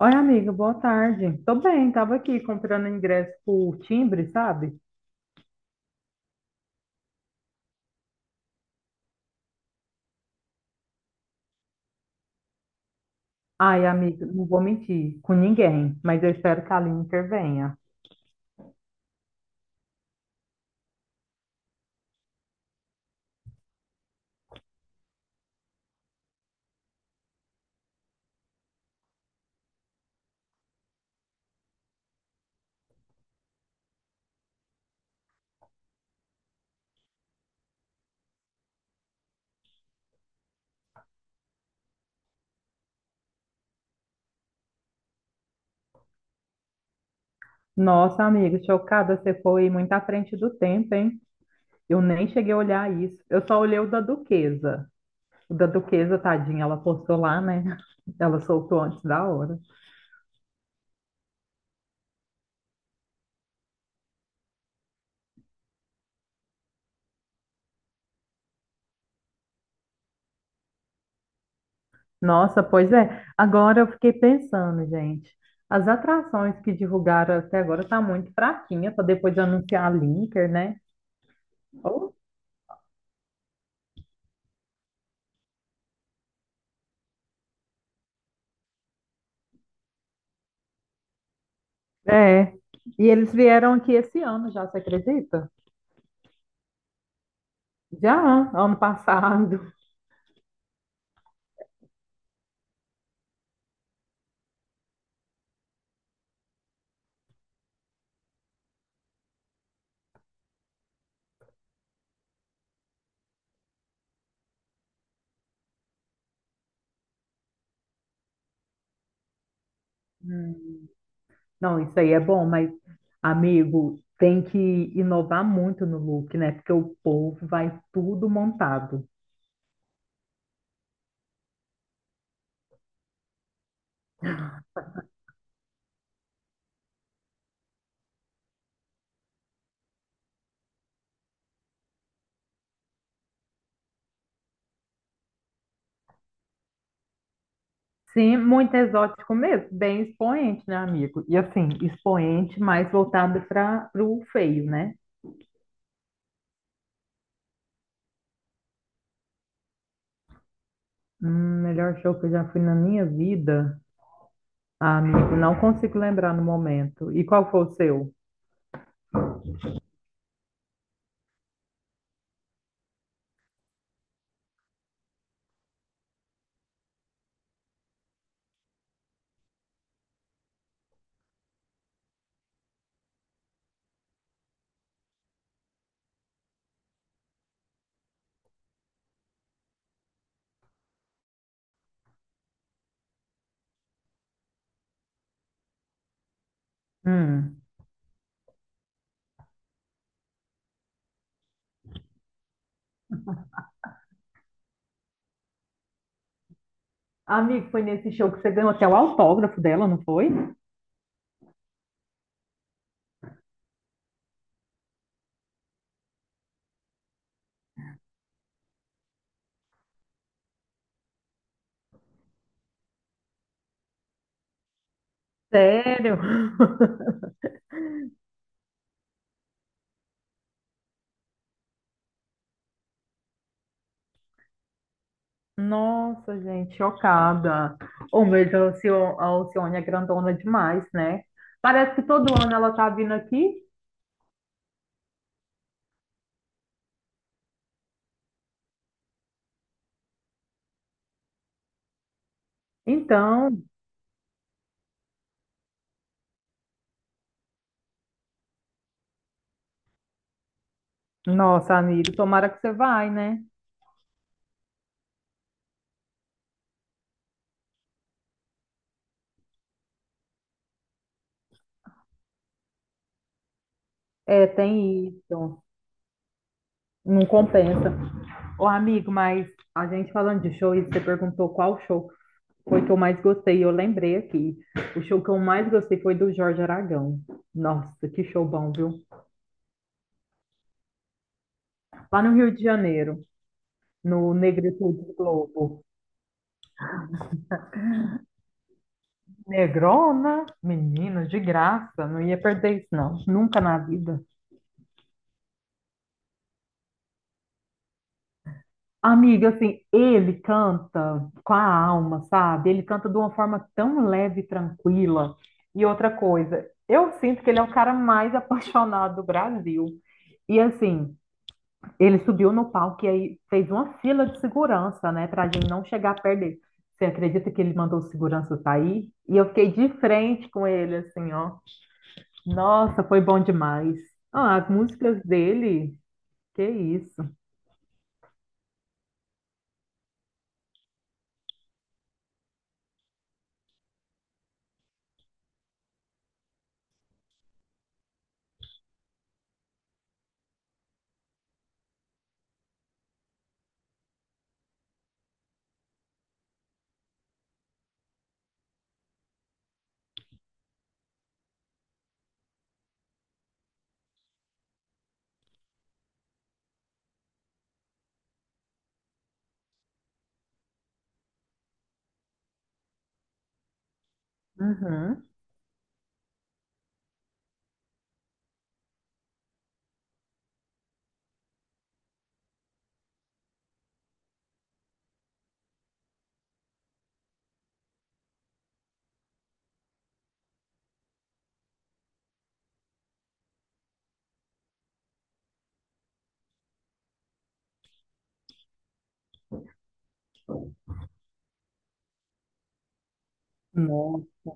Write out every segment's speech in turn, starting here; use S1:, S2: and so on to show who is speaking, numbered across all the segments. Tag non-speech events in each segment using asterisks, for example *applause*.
S1: Oi, amiga, boa tarde. Tô bem, tava aqui comprando ingresso por timbre, sabe? Ai, amiga, não vou mentir com ninguém, mas eu espero que a Aline intervenha. Nossa, amiga, chocada, você foi muito à frente do tempo, hein? Eu nem cheguei a olhar isso. Eu só olhei o da Duquesa. O da Duquesa, tadinha, ela postou lá, né? *laughs* Ela soltou antes da hora. Nossa, pois é. Agora eu fiquei pensando, gente. As atrações que divulgaram até agora tá muito fraquinha para depois anunciar a Linker, né? É. E eles vieram aqui esse ano já, você acredita? Já, ano passado. Hum. Não, isso aí é bom, mas, amigo, tem que inovar muito no look, né? Porque o povo vai tudo montado. Sim, muito exótico mesmo, bem expoente, né, amigo? E assim, expoente, mais voltado para o feio, né? Melhor show que eu já fui na minha vida, ah, amigo, não consigo lembrar no momento. E qual foi o seu? Hum. Amigo, foi nesse show que você ganhou até o autógrafo dela, não foi? Sério? *laughs* Nossa, gente, chocada. Ô, mas a Alcio- a Alcione é grandona demais, né? Parece que todo ano ela tá vindo aqui. Então, nossa, amigo, tomara que você vai, né? É, tem isso. Não compensa. Ô, amigo, mas a gente falando de show, e você perguntou qual show foi que eu mais gostei. Eu lembrei aqui. O show que eu mais gostei foi do Jorge Aragão. Nossa, que show bom, viu? Lá no Rio de Janeiro, no Negritude Globo. Negrona, menina, de graça, não ia perder isso, não. Nunca na vida. Amiga, assim, ele canta com a alma, sabe? Ele canta de uma forma tão leve e tranquila. E outra coisa, eu sinto que ele é o cara mais *laughs* apaixonado do Brasil. E assim, ele subiu no palco e aí fez uma fila de segurança, né, para a gente não chegar perto dele. Você acredita que ele mandou o segurança sair? E eu fiquei de frente com ele, assim, ó. Nossa, foi bom demais. Ah, as músicas dele, que isso. Uhum. Nossa,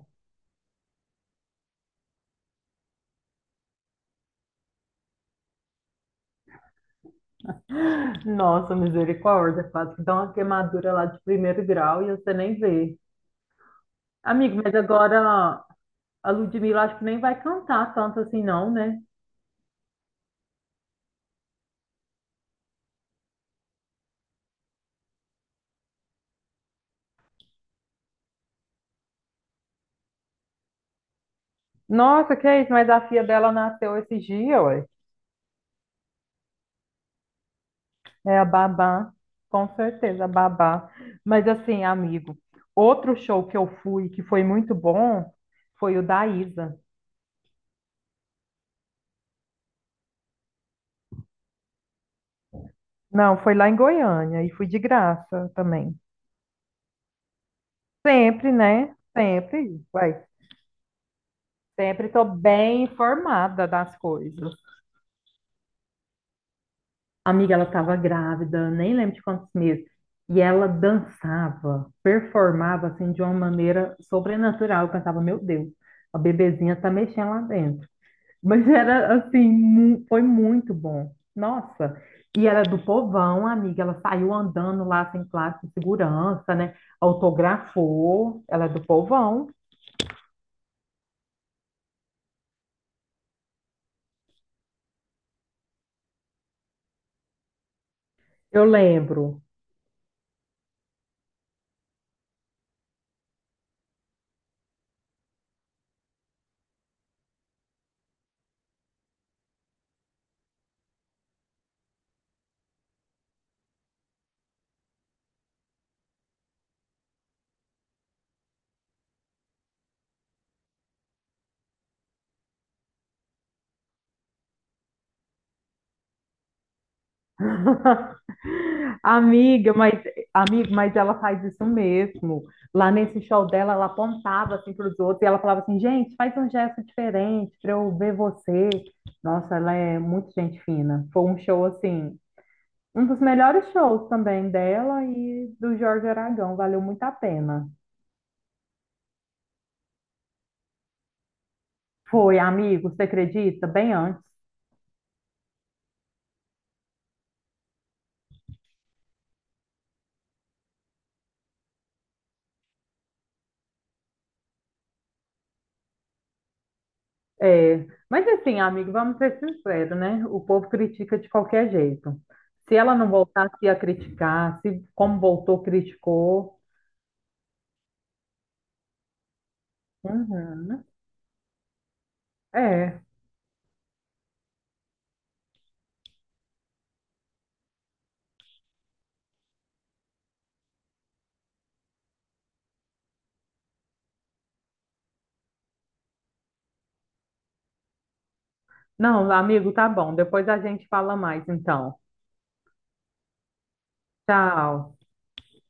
S1: nossa, misericórdia, quase que dá uma queimadura lá de primeiro grau e você nem vê. Amigo, mas agora a Ludmilla acho que nem vai cantar tanto assim, não, né? Nossa, que é isso? Mas a filha dela nasceu esse dia, ué. É a Babá, com certeza, a Babá. Mas assim, amigo, outro show que eu fui que foi muito bom foi o da Isa. Não, foi lá em Goiânia e fui de graça também. Sempre, né? Sempre, vai. Sempre tô bem informada das coisas. Amiga, ela estava grávida, nem lembro de quantos meses. E ela dançava, performava assim de uma maneira sobrenatural. Eu pensava, meu Deus, a bebezinha tá mexendo lá dentro. Mas era assim, foi muito bom. Nossa. E era do povão, amiga. Ela saiu andando lá sem classe de segurança, né? Autografou. Ela é do povão. Eu lembro. *laughs* Amiga, mas amigo, mas ela faz isso mesmo. Lá nesse show dela, ela apontava assim para os outros e ela falava assim, gente, faz um gesto diferente para eu ver você. Nossa, ela é muito gente fina. Foi um show assim. Um dos melhores shows também dela e do Jorge Aragão, valeu muito a pena. Foi, amigo, você acredita? Bem antes. É, mas assim, amigo, vamos ser sinceros, né? O povo critica de qualquer jeito. Se ela não voltasse, ia criticar. Se como voltou, criticou. Uhum. É. Não, amigo, tá bom. Depois a gente fala mais, então. Tchau.